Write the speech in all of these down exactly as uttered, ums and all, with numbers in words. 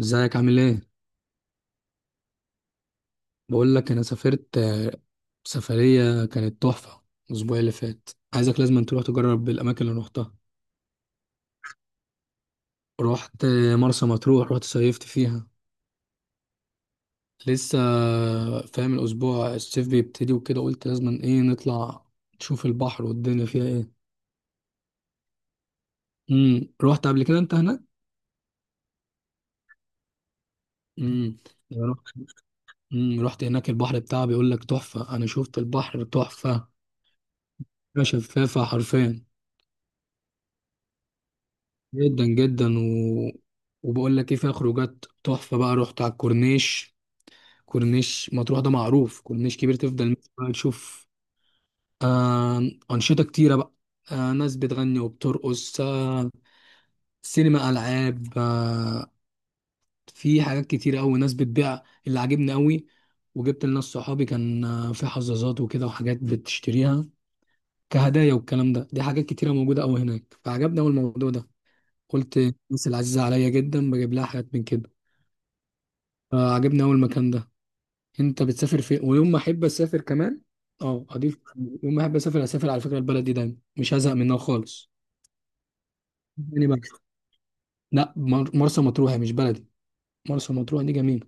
ازيك؟ عامل ايه؟ بقول لك انا سافرت آه، سفريه كانت تحفه الاسبوع اللي فات. عايزك لازم تروح تجرب الاماكن اللي روحتها. رحت آه، مرسى مطروح، رحت صيفت فيها لسه. آه، فاهم الاسبوع الصيف بيبتدي وكده، قلت لازم ايه، نطلع نشوف البحر والدنيا فيها ايه. امم رحت قبل كده انت هناك؟ امم. امم رحت هناك، البحر بتاعها بيقول لك تحفه، انا شفت البحر تحفه، شفافه حرفيا، جدا جدا و... وبقول لك ايه، فيها خروجات تحفه بقى. رحت على الكورنيش، كورنيش مطروح ده معروف، كورنيش كبير تفضل ماشي بقى تشوف. آه... انشطه كتيره بقى، آه... ناس بتغني وبترقص، آه... سينما، العاب، آه... في حاجات كتيره قوي، ناس بتبيع اللي عاجبني قوي. وجبت لناس صحابي، كان آه، في حظاظات وكده وحاجات بتشتريها كهدايا والكلام ده. دي حاجات كتيره موجوده قوي هناك، فعجبني قوي الموضوع ده. قلت الناس العزيزه عليا جدا بجيب لها حاجات من كده. آه عجبني أول مكان ده. أنت بتسافر فين ويوم ما أحب أسافر كمان؟ أه أضيف، يوم ما أحب أسافر أسافر، على فكرة البلد دي دايما مش هزهق منها خالص. يعني بقى، لا مر- مرسى مطروح هي مش بلدي، مرسى مطروح دي جميلة.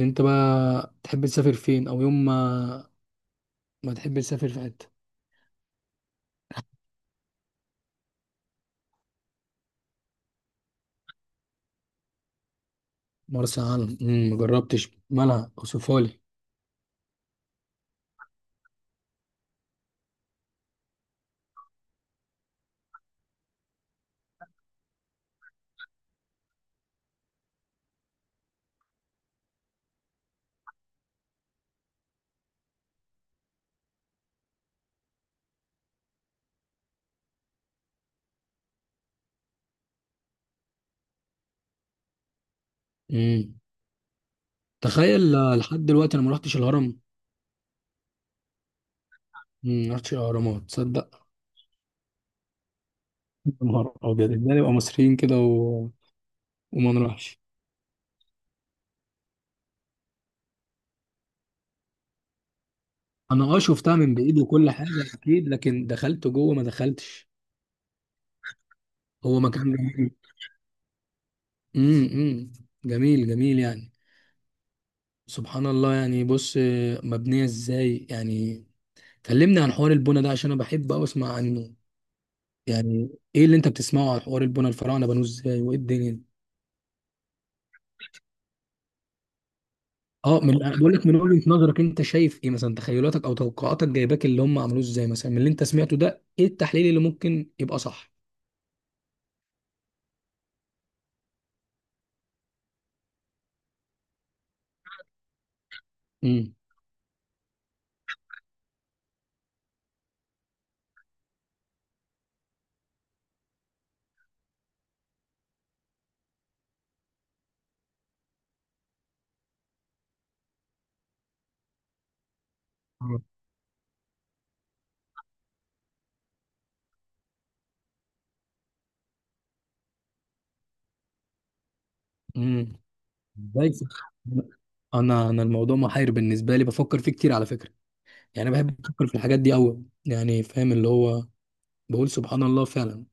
أنت بقى تحب تسافر فين؟ أو يوم ما ما تحب تسافر في حتة؟ مرسى علم؟ مم، ما جربتش، مالها وسفالي؟ مم. تخيل، آه، لحد دلوقتي أنا ما رحتش الهرم. مم، ما رحتش الأهرامات، تصدق؟ يا نهار أبيض، إزاي نبقى مصريين كده و... وما نروحش. انا اه شفتها من بعيد وكل حاجه، اكيد، لكن دخلت جوه ما دخلتش. هو مكان جميل. امم. إمم. جميل جميل يعني، سبحان الله. يعني بص، آه، مبنيه ازاي يعني؟ كلمني عن حوار البنا ده عشان انا بحب أوي اسمع عنه. يعني ايه اللي انت بتسمعه عن حوار البنا؟ الفراعنه بنوه ازاي؟ وايه الدنيا دي؟ اه، من، أنا بقول لك، من وجهه نظرك انت شايف ايه مثلا؟ تخيلاتك او توقعاتك جايباك اللي هم عملوه ازاي مثلا؟ من اللي انت سمعته ده، ايه التحليل اللي ممكن يبقى صح؟ امم. امم. ازاي صح. انا انا الموضوع محير بالنسبه لي، بفكر فيه كتير على فكره. يعني بحب افكر في الحاجات دي قوي، يعني فاهم، اللي هو بقول سبحان الله فعلا.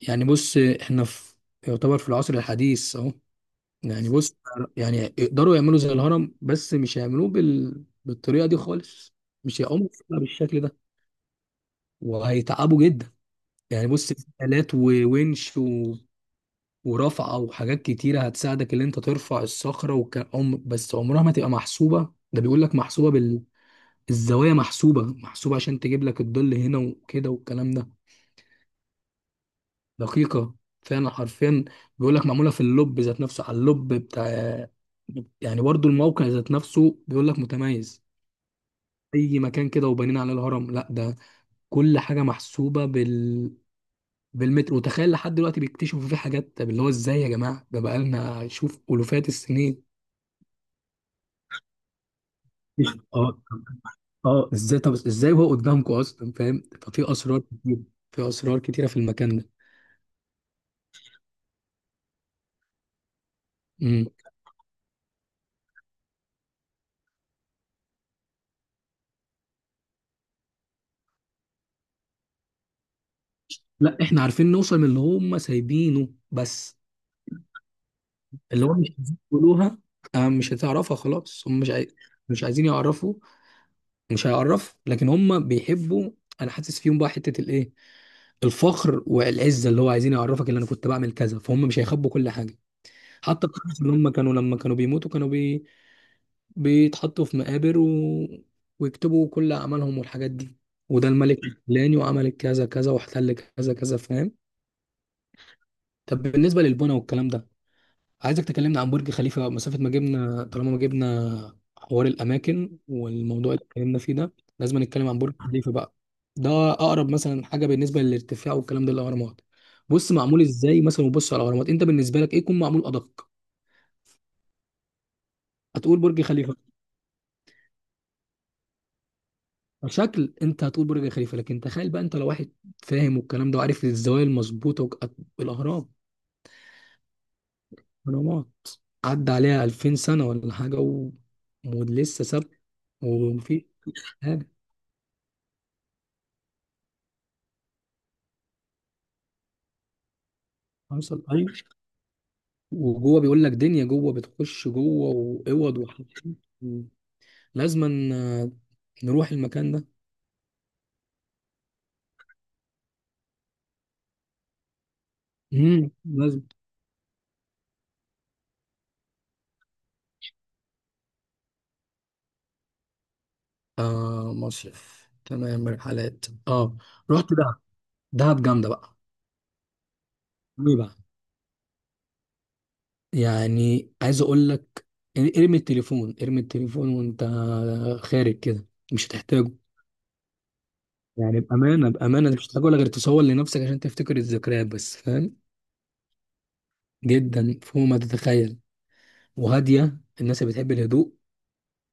يعني بص، احنا في، يعتبر في العصر الحديث اهو، يعني بص، يعني يقدروا يعملوا زي الهرم، بس مش هيعملوه بال... بالطريقه دي خالص، مش هيقوموا بيها بالشكل ده، وهيتعبوا جدا. يعني بص، في آلات وونش و... ورفعه وحاجات كتيره هتساعدك ان انت ترفع الصخره وك... عم- بس عمرها ما تبقى محسوبه، ده بيقول لك محسوبه، الزوايا محسوبة محسوبة عشان تجيب لك الظل هنا وكده والكلام ده. دقيقة فعلا، حرفيا. بيقول لك معمولة في اللب ذات نفسه، على اللب بتاع، يعني برضو الموقع ذات نفسه بيقول لك متميز. أي مكان كده وبنين عليه الهرم؟ لا، ده كل حاجة محسوبة بال، بالمتر. وتخيل لحد دلوقتي بيكتشفوا فيه حاجات. طب اللي هو ازاي يا جماعة؟ ده بقالنا شوف ألوفات السنين. اه، اه ازاي، طب ازاي هو قدامكم اصلا، فاهم؟ ففي اسرار كتير، في اسرار كتيره في المكان ده. لا احنا عارفين نوصل من اللي هم سايبينه بس، اللي هو مش عايزين يقولوها. آه، مش هتعرفها خلاص، هم مش عاي... مش عايزين يعرفوا، مش هيعرف. لكن هم بيحبوا، انا حاسس فيهم بقى حتة الايه، الفخر والعزة، اللي هو عايزين يعرفك اللي انا كنت بعمل كذا، فهم مش هيخبوا كل حاجة. حتى القصص، اللي هم كانوا لما كانوا بيموتوا كانوا بي... بيتحطوا في مقابر و... ويكتبوا كل اعمالهم والحاجات دي، وده الملك الفلاني وعمل كذا كذا واحتل كذا كذا، فاهم. طب بالنسبة للبنى والكلام ده، عايزك تكلمنا عن برج خليفة بقى، مسافة ما جبنا، طالما ما جبنا حوار الأماكن والموضوع اللي اتكلمنا فيه ده، لازم نتكلم عن برج خليفة بقى. ده أقرب مثلا حاجة بالنسبة للارتفاع والكلام ده للأهرامات. بص معمول إزاي مثلا، وبص على الأهرامات، أنت بالنسبة لك إيه يكون معمول أدق؟ هتقول برج خليفة كشكل. أنت هتقول برج خليفة، لكن تخيل بقى أنت لو واحد فاهم والكلام ده وعارف الزوايا المظبوطة وك- الأهرام، الأهرامات عدى عليها ألفين سنة سنة ولا حاجة و... ولسه ثابت، ومفيش حاجة. حصل أيوه، وجوه بيقول لك دنيا، جوه بتخش جوه، واوض وحاجات. لازما آه، نروح المكان ده. امم لازم. آه مصيف تمام، رحلات اه، رحت دهب، دهب جامده بقى. ايه بقى؟ يعني عايز اقول لك، ارمي التليفون، ارمي التليفون وانت خارج كده، مش هتحتاجه. يعني بامانه بامانه مش هتحتاجه، ولا غير تصور لنفسك عشان تفتكر الذكريات بس، فاهم. جدا، فوق ما تتخيل. وهاديه، الناس اللي بتحب الهدوء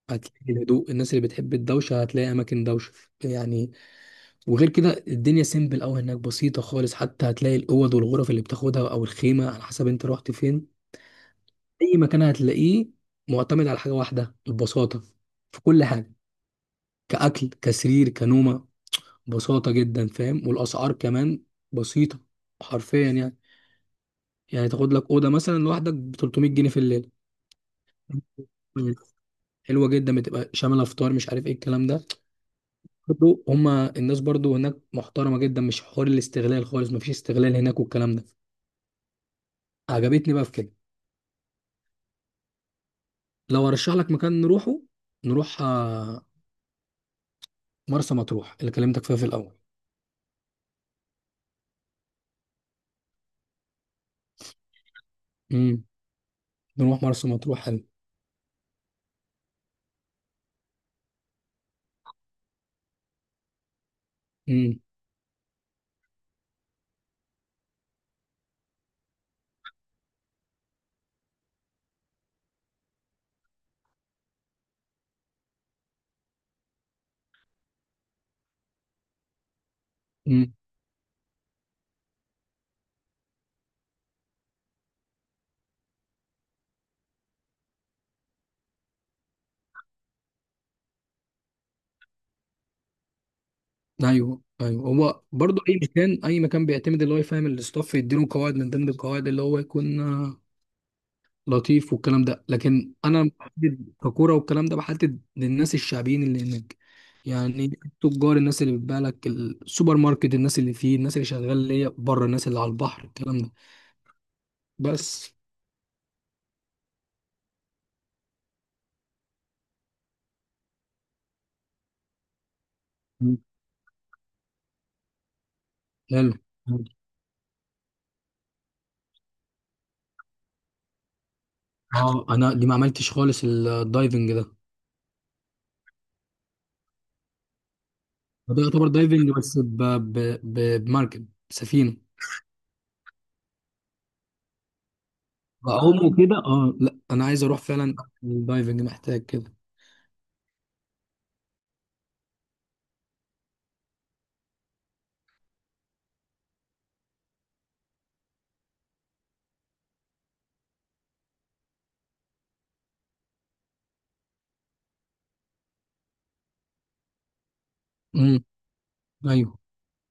هتلاقي الهدوء، الناس اللي بتحب الدوشة هتلاقي أماكن دوشة، يعني. وغير كده الدنيا سيمبل أوي هناك، بسيطة خالص، حتى هتلاقي الأوض والغرف اللي بتاخدها أو الخيمة، على حسب أنت رحت فين. أي مكان هتلاقيه معتمد على حاجة واحدة، البساطة في كل حاجة، كأكل كسرير كنومة، بساطة جدا فاهم. والأسعار كمان بسيطة، حرفيا يعني. يعني تاخد لك أوضة مثلا لوحدك ب ثلاث مية جنيه في الليل. حلوة جدا، بتبقى شاملة فطار مش عارف إيه الكلام ده. برضو هما الناس برضو هناك محترمة جدا، مش حوار الاستغلال خالص، مفيش استغلال هناك والكلام ده. عجبتني بقى في كده. لو ارشح لك مكان نروحه، نروح آه، مرسى مطروح اللي كلمتك فيها في الاول. امم، نروح مرسى مطروح، حلو. امم. امم. ايوه ايوه، هو برضو اي مكان، اي مكان بيعتمد اللي هو يفهم الاستاف، يديله قواعد، من ضمن القواعد اللي هو يكون آه، لطيف والكلام ده. لكن انا بحدد ككوره والكلام ده، بحدد للناس الشعبيين اللي هناك، يعني التجار، الناس اللي بتبيع لك، السوبر ماركت، الناس اللي فيه، الناس اللي شغال ليا بره، الناس اللي على البحر، الكلام ده بس. مم. حلو. اه انا دي ما عملتش خالص الدايفنج ده. ده يعتبر دايفنج بس ب... ب... ب... بمركب سفينه. بعوم وكده، اه لا انا عايز اروح فعلا، الدايفنج محتاج كده. امم. ايوه،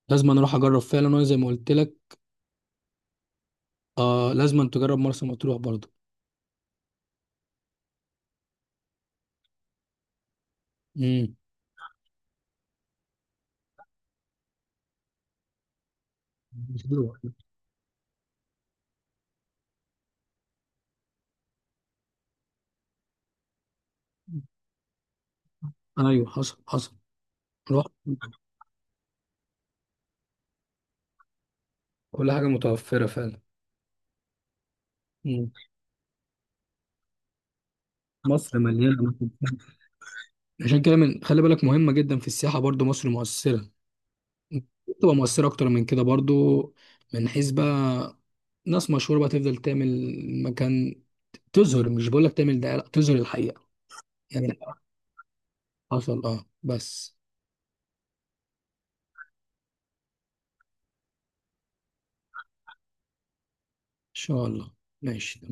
لازم انا اروح اجرب فعلا، وانا زي ما قلت لك، آه لازم أن تجرب مرسى مطروح برضه. امم، مشروع. ايوه حصل، حصل، رحت، كل حاجه متوفره فعلا. مم. مصر مليانه أماكن. عشان كده من خلي بالك، مهمة جدا في السياحة، برضو مصر مؤثرة، تبقى مؤثرة أكتر من كده برضو، من حيث بقى ناس مشهورة بقى تفضل تعمل مكان، تظهر، مش بقولك تعمل دعاية، لا تظهر الحقيقة يعني. حصل اه، بس. إن شاء الله. ماشي.